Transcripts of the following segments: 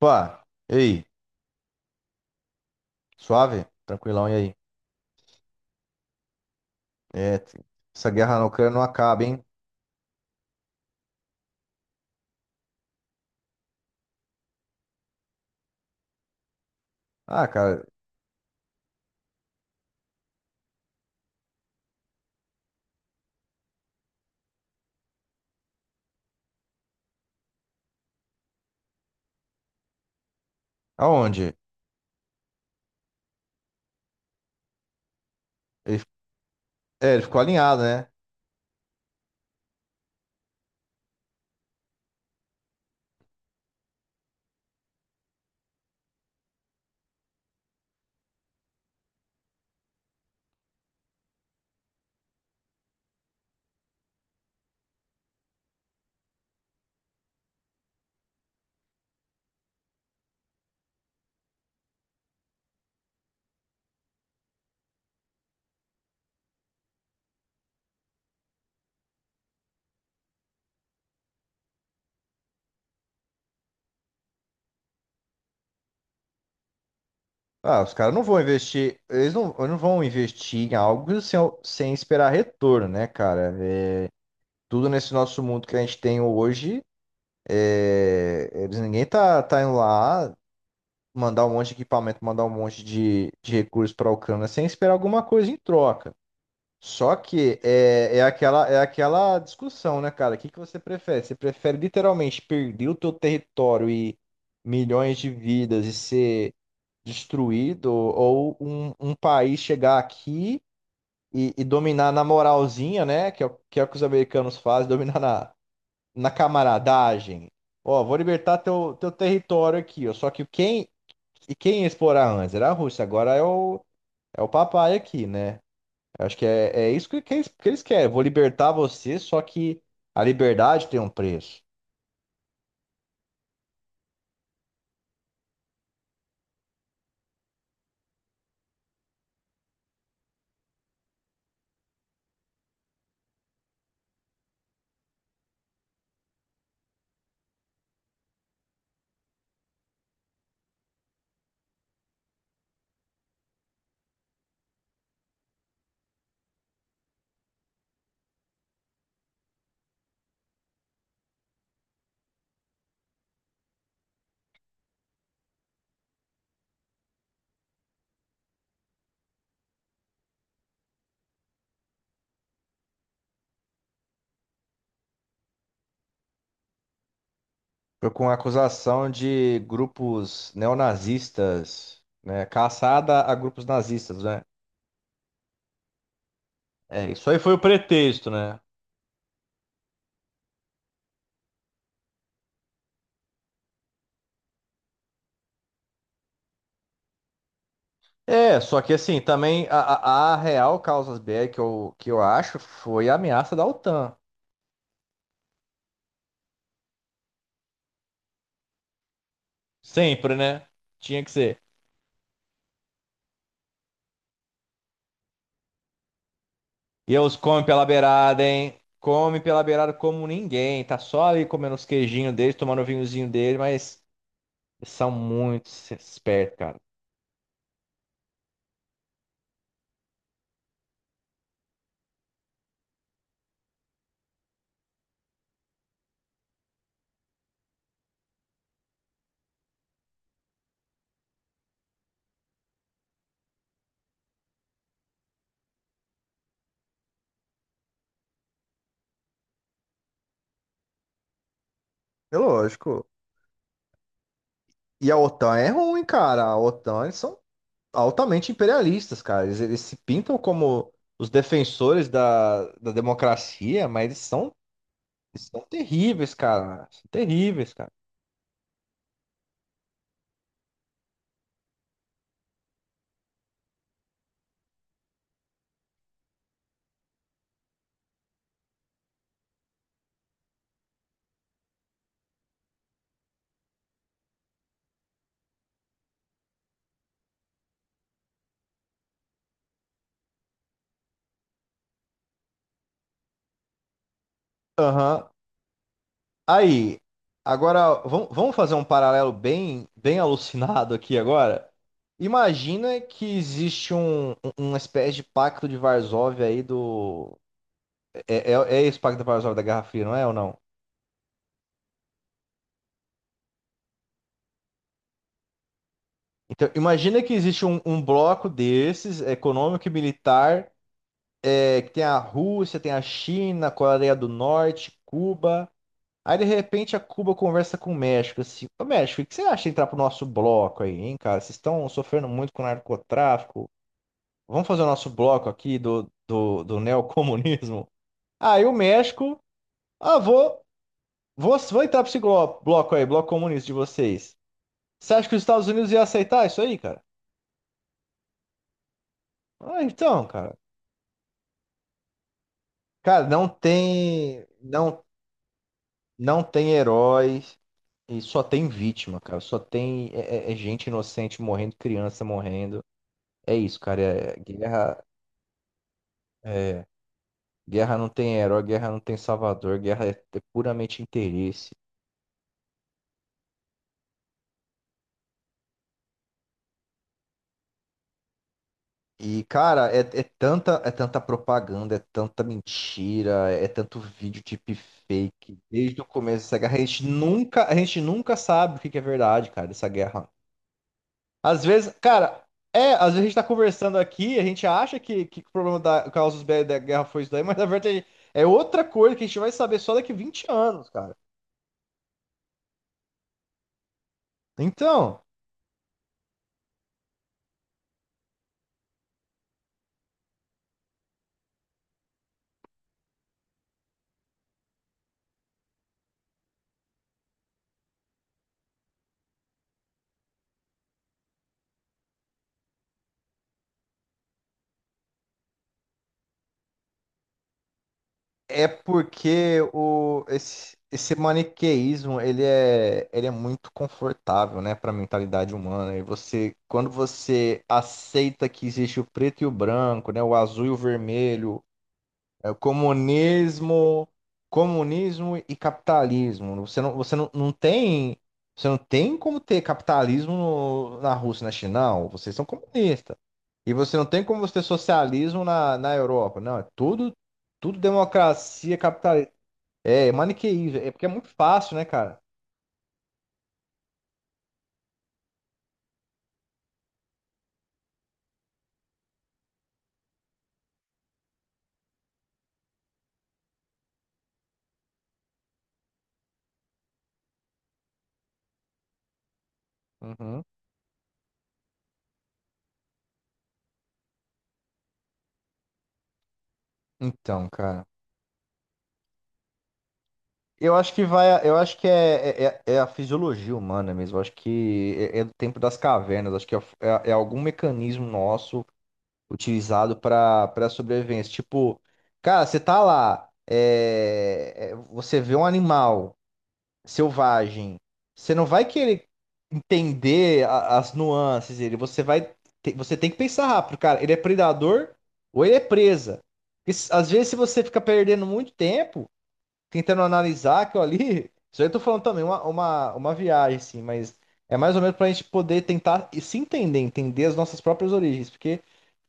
Opa, e aí? Suave? Tranquilão, e aí? É, essa guerra na Ucrânia não acaba, hein? Ah, cara, aonde? Ele, ele ficou alinhado, né? Ah, os caras não vão investir, eles não vão investir em algo sem esperar retorno, né, cara? É, tudo nesse nosso mundo que a gente tem hoje, ninguém tá indo lá mandar um monte de equipamento, mandar um monte de recursos pra Ucrânia sem esperar alguma coisa em troca. Só que é aquela discussão, né, cara? O que que você prefere? Você prefere literalmente perder o teu território e milhões de vidas e ser destruído, ou um país chegar aqui e dominar na moralzinha, né? Que é, que é o que os americanos fazem, dominar na camaradagem. Ó, vou libertar teu território aqui, ó. Só que e quem ia explorar antes? Era a Rússia, agora é o papai aqui, né? Eu acho que é isso que eles querem. Vou libertar você, só que a liberdade tem um preço. Foi com a acusação de grupos neonazistas, né? Caçada a grupos nazistas, né? É, isso aí foi o pretexto, né? É, só que assim, também a real causa BR que eu acho foi a ameaça da OTAN. Sempre, né? Tinha que ser. E eles comem pela beirada, hein? Come pela beirada como ninguém. Tá só ali comendo os queijinhos deles, tomando o vinhozinho dele, mas eles são muito espertos, cara. É lógico. E a OTAN é ruim, cara. A OTAN, eles são altamente imperialistas, cara. Eles se pintam como os defensores da democracia, mas eles são terríveis, cara. São terríveis, cara. Aham. Aí, agora, vamos fazer um paralelo bem, bem alucinado aqui agora. Imagina que existe um, uma espécie de pacto de Varsóvia aí do. É, é, é esse pacto de Varsóvia da Guerra Fria, não é ou não? Então, imagina que existe um bloco desses, econômico e militar, que tem a Rússia, tem a China, a Coreia do Norte, Cuba. Aí, de repente, a Cuba conversa com o México, assim, ô México, o que você acha de entrar pro nosso bloco aí, hein, cara? Vocês estão sofrendo muito com narcotráfico. Vamos fazer o nosso bloco aqui do neocomunismo. Aí o México, ah, vou, vou entrar pra esse bloco aí, bloco comunista de vocês. Você acha que os Estados Unidos ia aceitar isso aí, cara? Ah, então, cara. Cara, não tem heróis e só tem vítima, cara. Só tem gente inocente morrendo, criança morrendo. É isso, cara. É guerra, é, Guerra não tem herói, guerra não tem salvador, guerra é puramente interesse. E, cara, é tanta propaganda, é tanta mentira, é tanto vídeo deepfake. Desde o começo dessa guerra, a gente nunca sabe o que que é verdade, cara, dessa guerra. Às vezes, cara, às vezes a gente tá conversando aqui, a gente acha que o problema da causa da guerra foi isso daí, mas na verdade é outra coisa que a gente vai saber só daqui 20 anos, cara. Então, é porque esse maniqueísmo, ele é muito confortável, né, pra mentalidade humana. E você, quando você aceita que existe o preto e o branco, né, o azul e o vermelho, é o comunismo e capitalismo. Você não, não tem, você não tem como ter capitalismo na Rússia, e na China, não. Vocês são comunistas. E você não tem como você ter socialismo na Europa. Não, é tudo democracia capitalista. É maniqueísmo. É porque é muito fácil, né, cara? Uhum. Então, cara. Eu acho que vai, eu acho que é, é, é é a fisiologia humana mesmo. Eu acho que é do tempo das cavernas. Acho que é algum mecanismo nosso utilizado para sobrevivência. Tipo, cara, você tá lá, você vê um animal selvagem, você não vai querer entender as nuances dele, você vai você tem que pensar rápido, cara, ele é predador ou ele é presa. Porque às vezes se você fica perdendo muito tempo tentando analisar aquilo ali, isso aí eu tô falando também uma viagem, assim, mas é mais ou menos pra gente poder tentar se entender, entender as nossas próprias origens, porque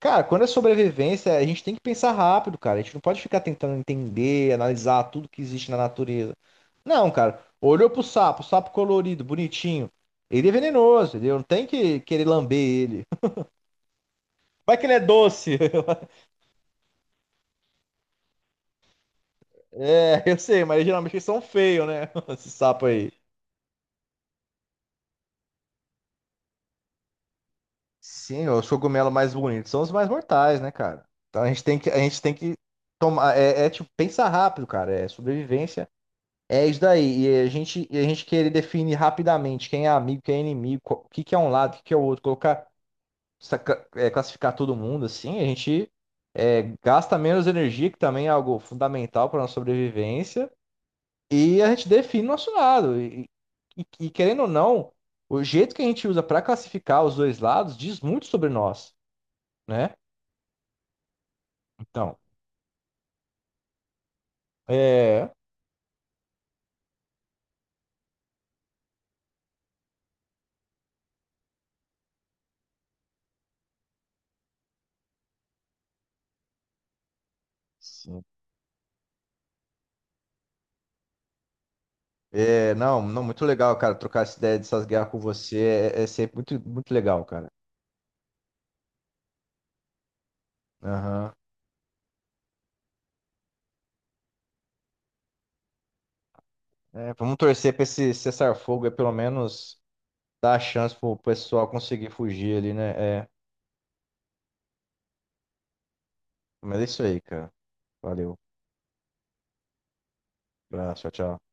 cara, quando é sobrevivência, a gente tem que pensar rápido, cara. A gente não pode ficar tentando entender, analisar tudo que existe na natureza. Não, cara. Olhou pro sapo, sapo colorido, bonitinho. Ele é venenoso, entendeu? Não tem que querer lamber ele. Vai que ele é doce. É, eu sei, mas geralmente eles são feios, né? Esse sapo aí. Sim, os cogumelos mais bonitos são os mais mortais, né, cara? Então a gente tem que tomar. Tipo, pensar rápido, cara. É sobrevivência. É isso daí. E a gente querer definir rapidamente quem é amigo, quem é inimigo, o que que é um lado, o que que é o outro, classificar todo mundo assim, a gente gasta menos energia, que também é algo fundamental para nossa sobrevivência, e a gente define nosso lado. E querendo ou não, o jeito que a gente usa para classificar os dois lados diz muito sobre nós, né? Então, é. Sim. É, não, não, muito legal, cara, trocar essa ideia dessas guerras com você é sempre muito, muito legal, cara. Aham. É, vamos torcer pra esse cessar-fogo, é pelo menos dar a chance pro pessoal conseguir fugir ali, né? É, mas é isso aí, cara. Valeu. Abraço, tchau, tchau.